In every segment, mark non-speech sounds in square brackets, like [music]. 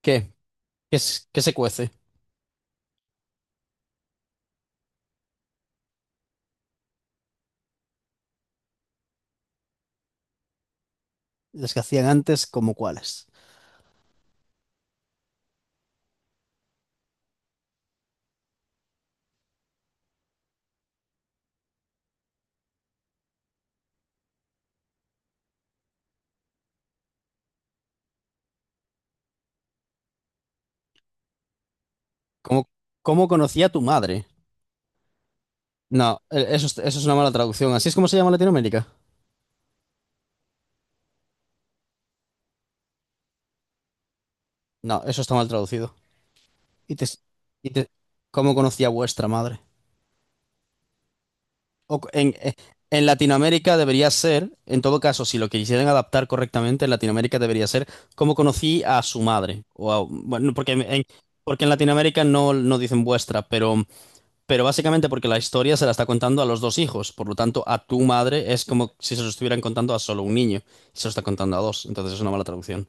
¿Qué? ¿Qué se cuece? Las que hacían antes, ¿como cuáles? ¿Cómo, cómo conocía a tu madre? No, eso, eso es una mala traducción. ¿Así es como se llama en Latinoamérica? No, eso está mal traducido. Y te, Y te- ¿Cómo conocía a vuestra madre? O co- en, eh, en Latinoamérica debería ser, en todo caso, si lo quisieran adaptar correctamente, en Latinoamérica debería ser cómo conocí a su madre. Bueno, porque porque en Latinoamérica no dicen vuestra, pero básicamente porque la historia se la está contando a los dos hijos, por lo tanto a tu madre es como si se lo estuvieran contando a solo un niño, y se lo está contando a dos, entonces es una mala traducción.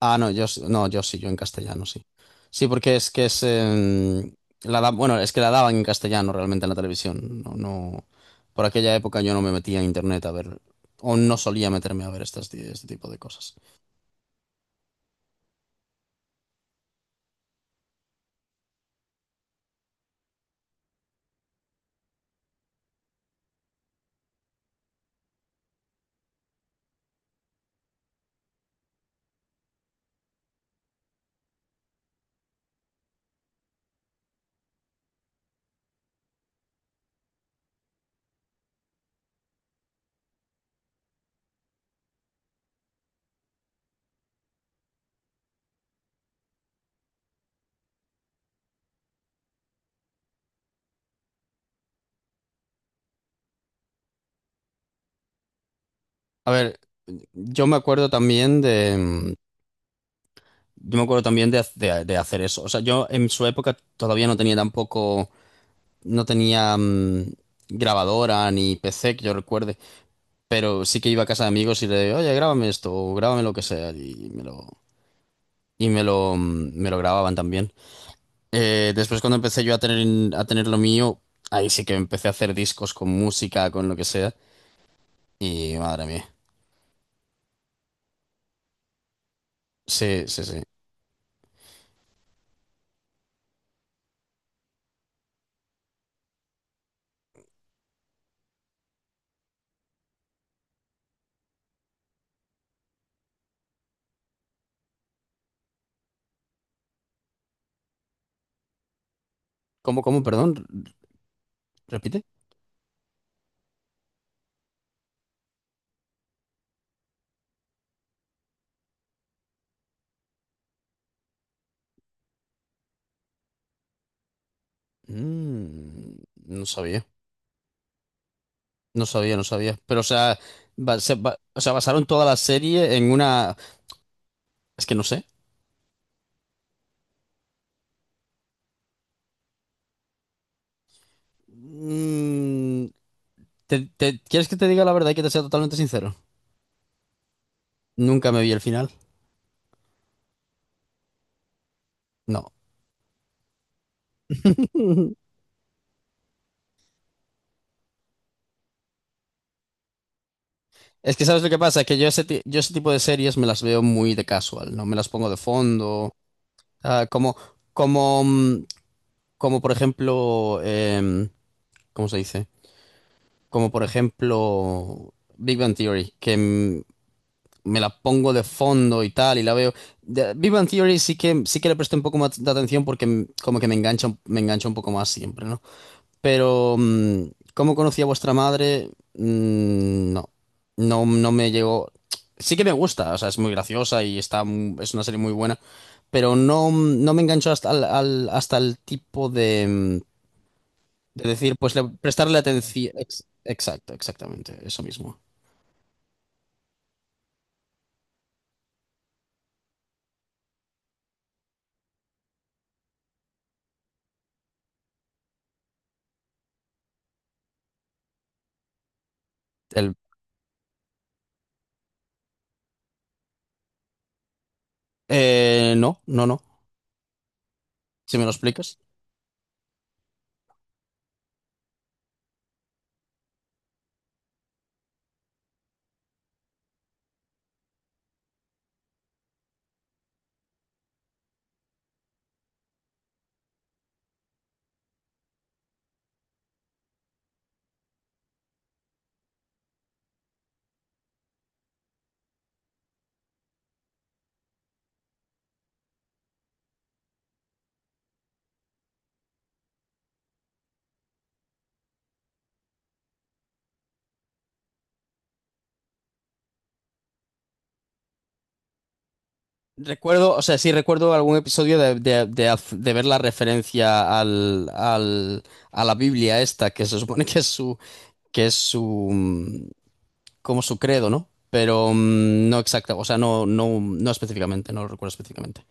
Ah, no, no, yo sí, yo en castellano sí. Sí, porque es que es bueno, es que la daban en castellano realmente en la televisión. No, no, por aquella época yo no me metía en internet a ver, o no solía meterme a ver este tipo de cosas. A ver, yo me acuerdo también de, yo me acuerdo también de hacer eso. O sea, yo en su época todavía no tenía tampoco, no tenía grabadora ni PC que yo recuerde, pero sí que iba a casa de amigos y le, oye, grábame esto o grábame lo que sea y me lo grababan también. Después cuando empecé yo a tener lo mío, ahí sí que empecé a hacer discos con música, con lo que sea y madre mía. Sí, sí, sí. ¿Cómo, perdón? ¿Repite? Mm, no sabía. No sabía, no sabía. Pero, o sea, o sea, basaron toda la serie en una… Es que no sé. Mm, ¿quieres que te diga la verdad y que te sea totalmente sincero? Nunca me vi el final. No. [laughs] Es que, ¿sabes lo que pasa? Que yo ese tipo de series me las veo muy de casual, ¿no? Me las pongo de fondo. ah, como, como, mm, como por ejemplo… ¿cómo se dice? Como por ejemplo… Big Bang Theory, que me la pongo de fondo y tal, y la veo. De, Big Bang Theory sí que le presté un poco más de atención porque como que me engancha, me engancha un poco más siempre, ¿no? Pero, ¿cómo conocí a vuestra madre? Mm, no, no, no me llegó. Sí que me gusta, o sea, es muy graciosa y está, es una serie muy buena, pero no, no me enganchó hasta hasta el tipo de, de decir, pues prestarle atención. Exacto, exactamente, eso mismo. El, no, no, no. Si me lo explicas. Recuerdo, o sea, sí recuerdo algún episodio de ver la referencia a la Biblia esta, que se supone que es su, que es su, mm, como su credo, ¿no? Pero mm, no exacta, o sea, no, no, no específicamente, no lo recuerdo específicamente.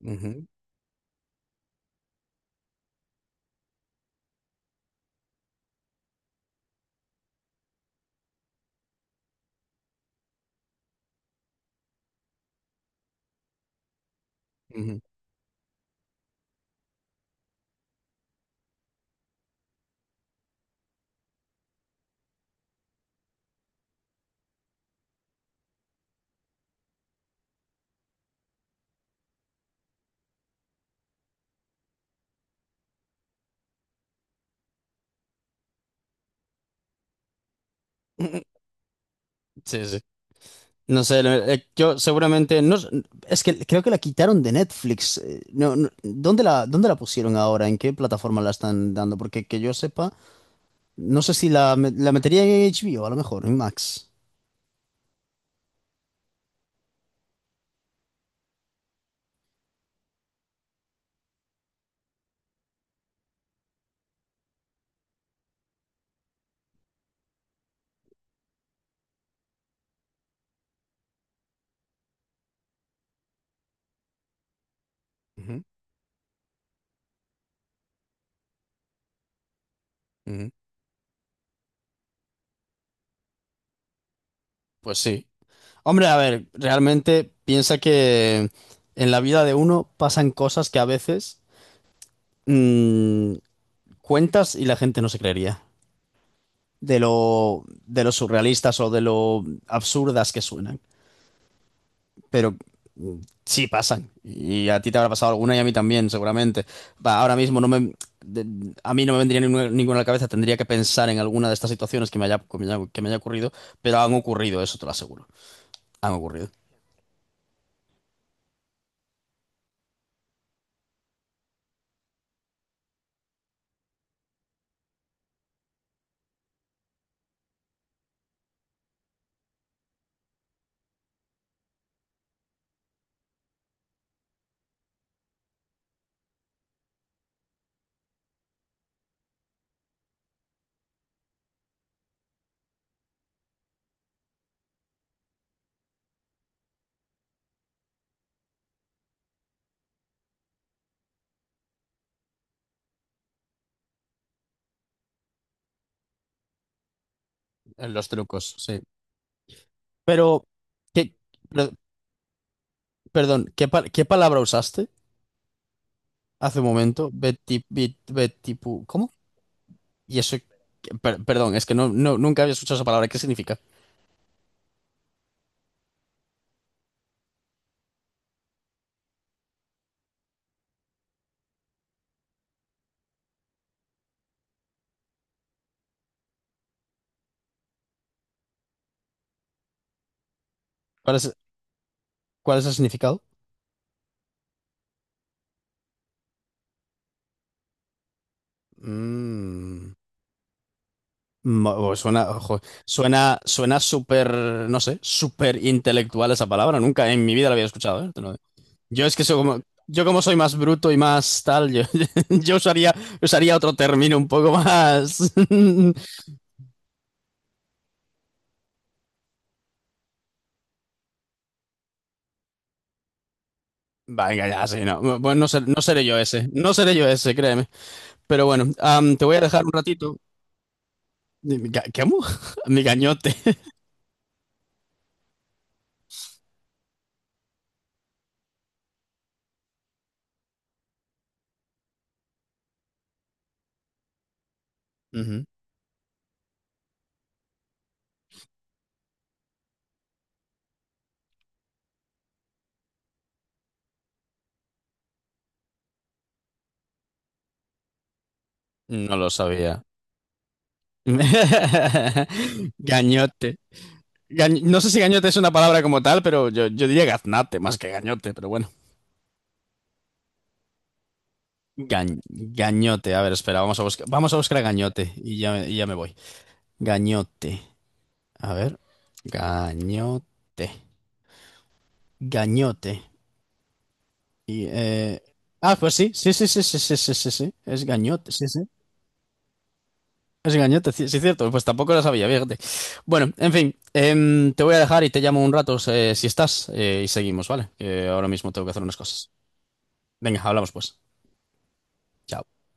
Ujú, ujú. [laughs] Sí, sí. No sé, yo seguramente, no, s- es que creo que la quitaron de Netflix. No, ¿dónde dónde la pusieron ahora? ¿En qué plataforma la están dando? Porque que yo sepa. No sé si la metería en H B o a lo mejor, en Max. Ujú, ujú. Pues sí. Hombre, a ver, realmente piensa que en la vida de uno pasan cosas que a veces mm, cuentas y la gente no se creería. De lo surrealistas o de lo absurdas que suenan. Pero mm, sí pasan. Y a ti te habrá pasado alguna y a mí también, seguramente. Va, ahora mismo no me, a mí no me vendría ninguna, ninguna a la cabeza, tendría que pensar en alguna de estas situaciones que me haya, que me haya ocurrido, pero han ocurrido, eso te lo aseguro. Han ocurrido. En los trucos, sí. Pero, ¿qué, per- perdón, ¿qué, qué palabra usaste hace un momento? Betipu- ¿cómo? Y eso, perdón, es que no, no, nunca había escuchado esa palabra. ¿Qué significa? ¿Cuál es, ¿cuál es el significado? Mm. Ma- o Suena, ojo, suena, suena súper, no sé, súper intelectual esa palabra. Nunca en mi vida la había escuchado, ¿eh? Te lo digo. Yo es que soy como, yo como soy más bruto y más tal, yo, [laughs] yo usaría, usaría otro término un poco más. [laughs] Venga, ya, sí, no. Bueno, no, no seré yo ese. No seré yo ese, créeme. Pero bueno, te voy a dejar un ratito. ¿Qué amo? [laughs] Mi gañote. [laughs] Ujú. No lo sabía. [laughs] Gañote. No sé si gañote es una palabra como tal, pero yo diría gaznate más que gañote, pero bueno. Gañote, a ver, espera, vamos a buscar a gañote y ya me voy. Gañote, a ver, gañote, gañote. Y, ah, pues sí, sí, sí, sí, sí, sí, sí, sí, sí, es gañote, sí, sí. Es gañote, sí, sí, cierto, pues tampoco lo sabía, fíjate. Bueno, en fin, te voy a dejar y te llamo un rato si estás y seguimos, ¿vale? Que ahora mismo tengo que hacer unas cosas. Venga, hablamos pues. Chao.